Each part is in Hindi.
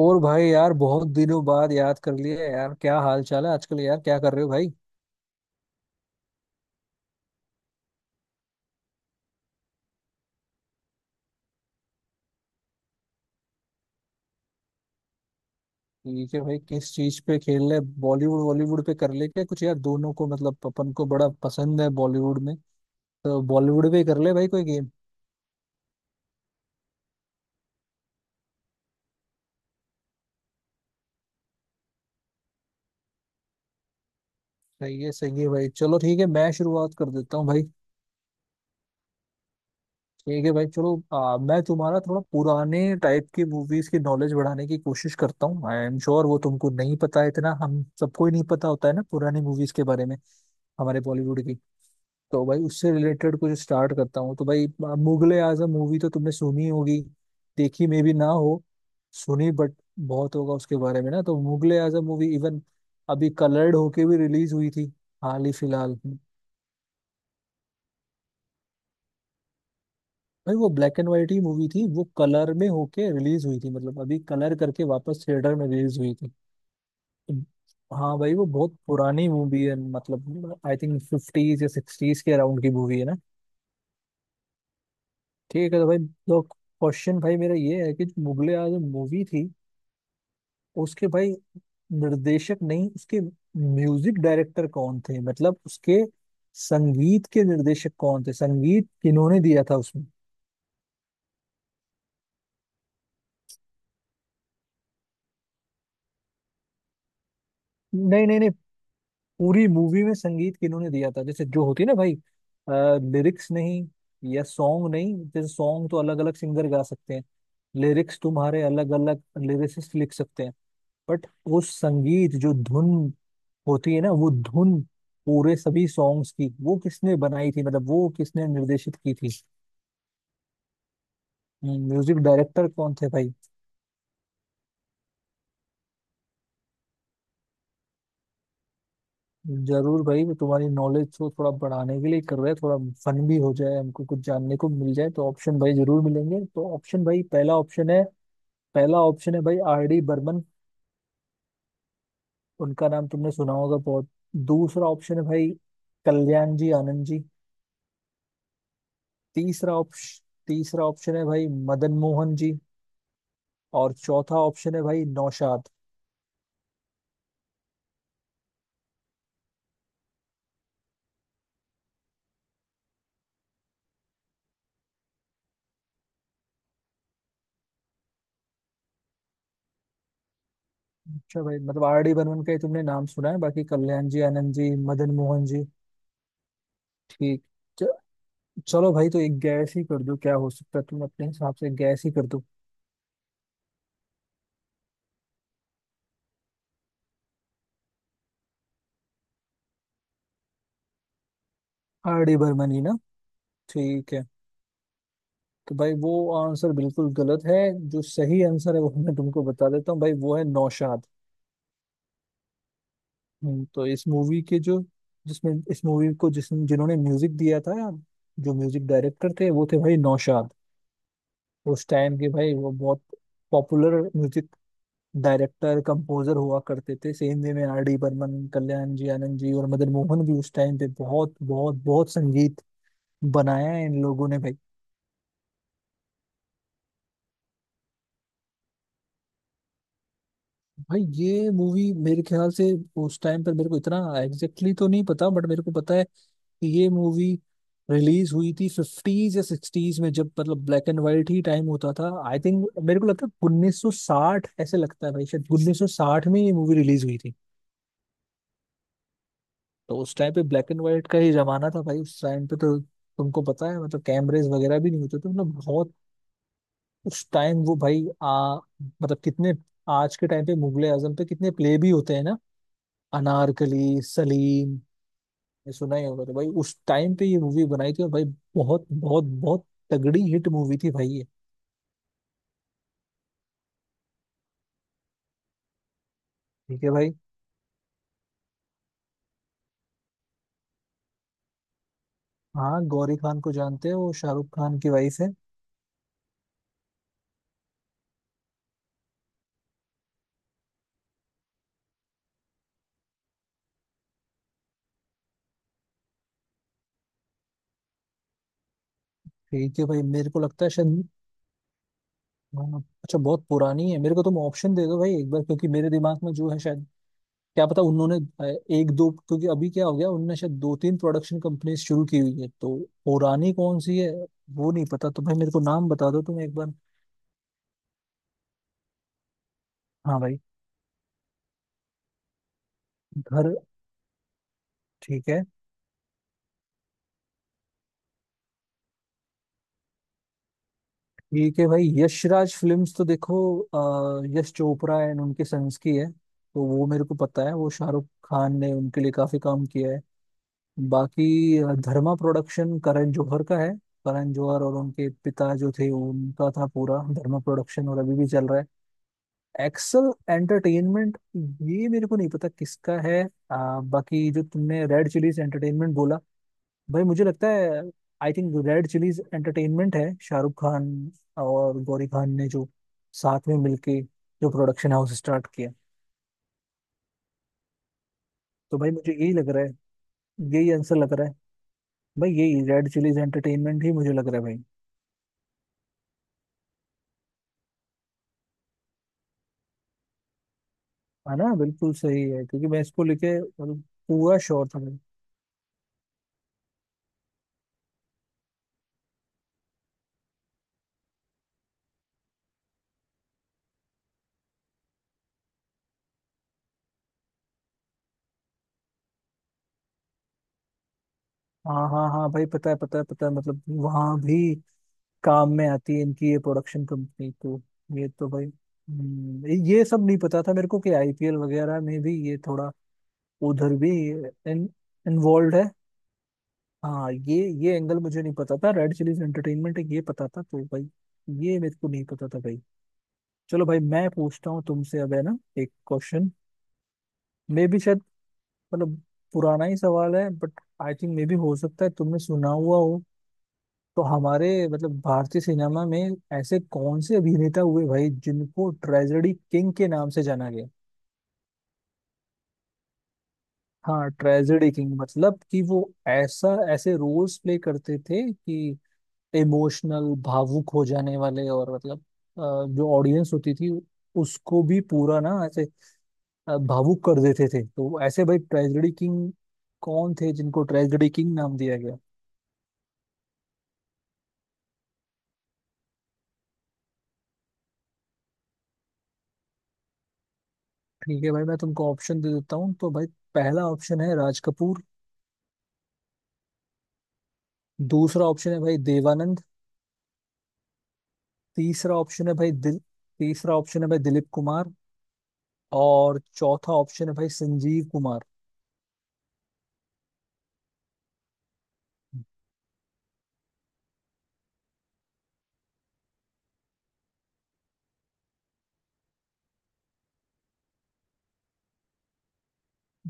और भाई यार बहुत दिनों बाद याद कर लिया यार। क्या हाल चाल है आजकल यार, क्या कर रहे हो भाई। ठीक है भाई, किस चीज पे खेल रहे। बॉलीवुड, बॉलीवुड पे कर ले क्या कुछ यार। दोनों को मतलब अपन को बड़ा पसंद है बॉलीवुड में, तो बॉलीवुड पे कर ले भाई कोई गेम। सही है भाई, चलो ठीक है मैं शुरुआत कर देता हूँ भाई। ठीक है भाई चलो। मैं तुम्हारा थोड़ा पुराने टाइप की मूवीज की नॉलेज बढ़ाने की कोशिश करता हूँ। आई एम श्योर वो तुमको नहीं पता है इतना। हम सबको ही नहीं पता होता है ना पुरानी मूवीज के बारे में, हमारे बॉलीवुड की। तो भाई उससे रिलेटेड कुछ स्टार्ट करता हूँ तो भाई, मुगले आजम मूवी तो तुमने सुनी होगी। देखी मे भी ना हो, सुनी बट बहुत होगा उसके बारे में ना। तो मुगले आजम मूवी इवन अभी कलर्ड होके भी रिलीज हुई थी, हाल ही फिलहाल में। भाई वो ब्लैक एंड वाइट ही मूवी थी, वो कलर में होके रिलीज हुई थी, मतलब अभी कलर करके वापस थिएटर में रिलीज हुई थी। हाँ भाई वो बहुत पुरानी मूवी है, मतलब आई थिंक फिफ्टीज या सिक्सटीज के अराउंड की मूवी है ना। ठीक है, तो भाई तो क्वेश्चन भाई मेरा ये है कि जो मुगले आजम मूवी थी उसके भाई निर्देशक नहीं, उसके म्यूजिक डायरेक्टर कौन थे, मतलब उसके संगीत के निर्देशक कौन थे, संगीत किन्होंने दिया था उसमें। नहीं नहीं नहीं, पूरी मूवी में संगीत किन्होंने दिया था। जैसे जो होती है ना भाई, लिरिक्स नहीं या सॉन्ग नहीं, जैसे सॉन्ग तो अलग अलग सिंगर गा सकते हैं, लिरिक्स तुम्हारे अलग अलग लिरिसिस्ट लिख सकते हैं, बट वो संगीत जो धुन होती है ना, वो धुन पूरे सभी सॉन्ग्स की वो किसने बनाई थी, मतलब वो किसने निर्देशित की थी। म्यूजिक डायरेक्टर कौन थे भाई। जरूर भाई, वो तुम्हारी नॉलेज को थोड़ा बढ़ाने के लिए कर रहे हैं, थोड़ा फन भी हो जाए, हमको कुछ जानने को मिल जाए। तो ऑप्शन भाई जरूर मिलेंगे। तो ऑप्शन भाई, पहला ऑप्शन है, पहला ऑप्शन है भाई आर डी बर्मन, उनका नाम तुमने सुना होगा बहुत। दूसरा ऑप्शन है भाई कल्याण जी आनंद जी। तीसरा ऑप्शन है भाई मदन मोहन जी। और चौथा ऑप्शन है भाई नौशाद। अच्छा भाई, मतलब आर डी बर्मन का ही तुमने नाम सुना है, बाकी कल्याण जी आनंद जी, मदन मोहन जी। ठीक। च- चलो भाई, तो एक गैस ही कर दो क्या हो सकता है। तुम अपने हिसाब से गैस ही कर दो। आर डी बर्मन ही ना। ठीक है। तो भाई वो आंसर बिल्कुल गलत है। जो सही आंसर है वो मैं तुमको बता देता हूँ भाई, वो है नौशाद। तो इस मूवी के जो, जिसमें इस मूवी को जिस जिन्होंने म्यूजिक दिया था, जो म्यूजिक डायरेक्टर थे वो थे भाई नौशाद। उस टाइम के भाई वो बहुत पॉपुलर म्यूजिक डायरेक्टर कंपोजर हुआ करते थे। सेम वे में आर डी बर्मन, कल्याण जी आनंद जी और मदन मोहन भी उस टाइम पे बहुत बहुत बहुत संगीत बनाया है इन लोगों ने भाई। भाई ये मूवी मेरे ख्याल से, उस टाइम पर मेरे को इतना एग्जैक्टली तो नहीं पता, बट मेरे को पता है कि ये मूवी रिलीज हुई थी फिफ्टीज या सिक्सटीज में, जब मतलब ब्लैक एंड वाइट ही टाइम होता था। आई थिंक मेरे को लगता है 1960, ऐसे लगता है भाई शायद 1960 में ये मूवी रिलीज हुई थी। तो उस टाइम पे ब्लैक एंड व्हाइट का ही जमाना था भाई। उस टाइम पे तो तुमको पता है, मतलब कैमरेज वगैरह भी नहीं होते थे, मतलब बहुत। उस टाइम वो भाई आ मतलब कितने, आज के टाइम पे मुगले आजम पे कितने प्ले भी होते हैं ना। अनारकली, सलीम, ये सुना ही होगा। तो भाई उस टाइम पे ये मूवी बनाई थी और भाई बहुत बहुत बहुत तगड़ी हिट मूवी थी भाई ये। ठीक है भाई। हाँ, गौरी खान को जानते हो, वो शाहरुख खान की वाइफ है। ठीक है भाई मेरे को लगता है शायद। हाँ, अच्छा बहुत पुरानी है, मेरे को तुम ऑप्शन दे दो भाई एक बार, क्योंकि मेरे दिमाग में जो है शायद क्या पता। उन्होंने एक दो, क्योंकि अभी क्या हो गया उनने शायद दो तीन प्रोडक्शन कंपनी शुरू की हुई है, तो पुरानी कौन सी है वो नहीं पता। तो भाई मेरे को नाम बता दो तुम एक बार। हाँ भाई। घर। ठीक है। ठीक है भाई, यशराज फिल्म्स तो देखो यश चोपड़ा एंड उनके सन्स की है, तो वो मेरे को पता है। वो शाहरुख खान ने उनके लिए काफी काम किया है। बाकी धर्मा प्रोडक्शन करण जौहर का है। करण जौहर और उनके पिता जो थे उनका था पूरा धर्मा प्रोडक्शन, और अभी भी चल रहा है। एक्सल एंटरटेनमेंट ये मेरे को नहीं पता किसका है। बाकी जो तुमने रेड चिलीज एंटरटेनमेंट बोला, भाई मुझे लगता है I think red chillies entertainment है शाहरुख खान और गौरी खान ने जो साथ में मिलके जो प्रोडक्शन हाउस स्टार्ट किया। तो भाई मुझे यही लग रहा है। यही आंसर लग रहा है भाई, यही रेड चिलीज एंटरटेनमेंट ही मुझे लग रहा है भाई। है ना, बिल्कुल सही है, क्योंकि मैं इसको लेके मतलब पूरा श्योर था। हाँ हाँ हाँ भाई पता है पता है पता है, मतलब वहाँ भी काम में आती है इनकी ये प्रोडक्शन कंपनी तो। ये तो भाई ये सब नहीं पता था मेरे को कि आईपीएल वगैरह में भी ये थोड़ा उधर भी इन, इन्वॉल्व है। हाँ ये एंगल मुझे नहीं पता था। रेड चिलीज एंटरटेनमेंट है ये पता था, तो भाई ये मेरे को नहीं पता था भाई। चलो भाई मैं पूछता हूँ तुमसे अब, है ना एक क्वेश्चन। मे भी शायद, मतलब पुराना ही सवाल है बट आई थिंक मे भी हो सकता है तुमने सुना हुआ हो। तो हमारे मतलब भारतीय सिनेमा में ऐसे कौन से अभिनेता हुए भाई जिनको ट्रेजेडी किंग के नाम से जाना गया। हाँ ट्रेजेडी किंग, मतलब कि वो ऐसा, ऐसे रोल्स प्ले करते थे कि इमोशनल भावुक हो जाने वाले, और मतलब जो ऑडियंस होती थी उसको भी पूरा ना ऐसे भावुक कर देते थे। तो ऐसे भाई ट्रेजेडी किंग कौन थे जिनको ट्रेजेडी किंग नाम दिया गया। ठीक है भाई, मैं तुमको ऑप्शन दे देता हूँ तो भाई, पहला ऑप्शन है राज कपूर। दूसरा ऑप्शन है भाई देवानंद। तीसरा ऑप्शन है भाई दिल तीसरा ऑप्शन है भाई दिलीप कुमार। और चौथा ऑप्शन है भाई संजीव कुमार।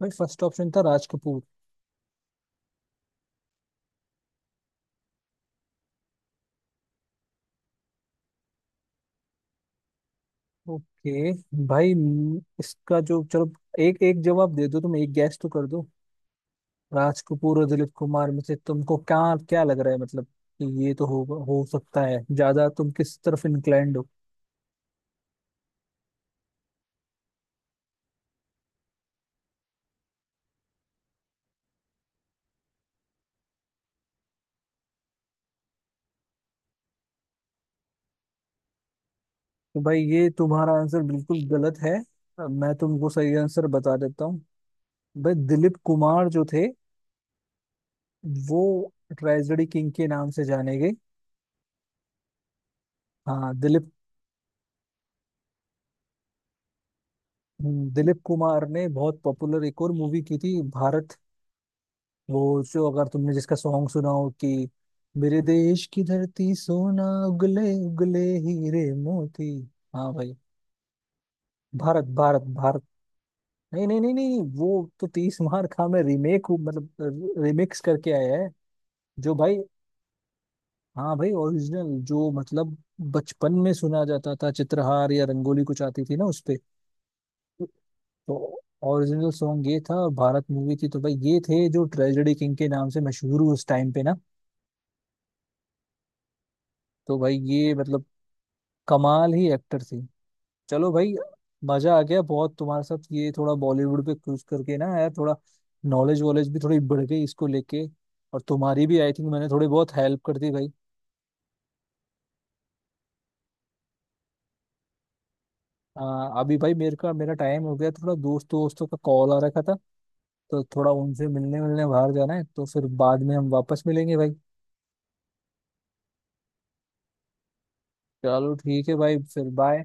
भाई फर्स्ट ऑप्शन था राज कपूर। ओके भाई, इसका जो, चलो एक एक जवाब दे दो, तुम एक गैस तो कर दो। राज कपूर और दिलीप कुमार में से तुमको क्या, क्या लग रहा है, मतलब कि ये तो हो सकता है ज्यादा तुम किस तरफ इंक्लाइंड हो। तो भाई ये तुम्हारा आंसर बिल्कुल गलत है। मैं तुमको सही आंसर बता देता हूँ। भाई दिलीप कुमार जो थे, वो ट्रेजेडी किंग के नाम से जाने गए। हाँ दिलीप। दिलीप कुमार ने बहुत पॉपुलर एक और मूवी की थी, भारत। वो जो अगर तुमने जिसका सॉन्ग सुना हो कि मेरे देश की धरती सोना उगले उगले हीरे मोती। हाँ भाई। भारत, भारत, भारत। नहीं नहीं नहीं नहीं नहीं, वो तो तीस मार खा में रीमेक मतलब रिमिक्स करके आया है। जो भाई, हाँ भाई ओरिजिनल जो मतलब बचपन में सुना जाता था, चित्रहार या रंगोली कुछ आती थी ना उसपे। तो ओरिजिनल सॉन्ग ये था और भारत मूवी थी। तो भाई ये थे जो ट्रेजेडी किंग के नाम से मशहूर हुए उस टाइम पे ना। तो भाई ये मतलब कमाल ही एक्टर थे। चलो भाई, मजा आ गया बहुत तुम्हारे साथ ये थोड़ा बॉलीवुड पे क्रूज करके ना यार। थोड़ा नॉलेज वॉलेज भी थोड़ी बढ़ गई इसको लेके, और तुम्हारी भी आई थिंक मैंने थोड़ी बहुत हेल्प कर दी भाई। अभी भाई मेरे का मेरा टाइम हो गया थोड़ा, दोस्तों दोस्तों का कॉल आ रखा था, तो थोड़ा उनसे मिलने मिलने बाहर जाना है। तो फिर बाद में हम वापस मिलेंगे भाई। चलो ठीक है भाई, फिर बाय।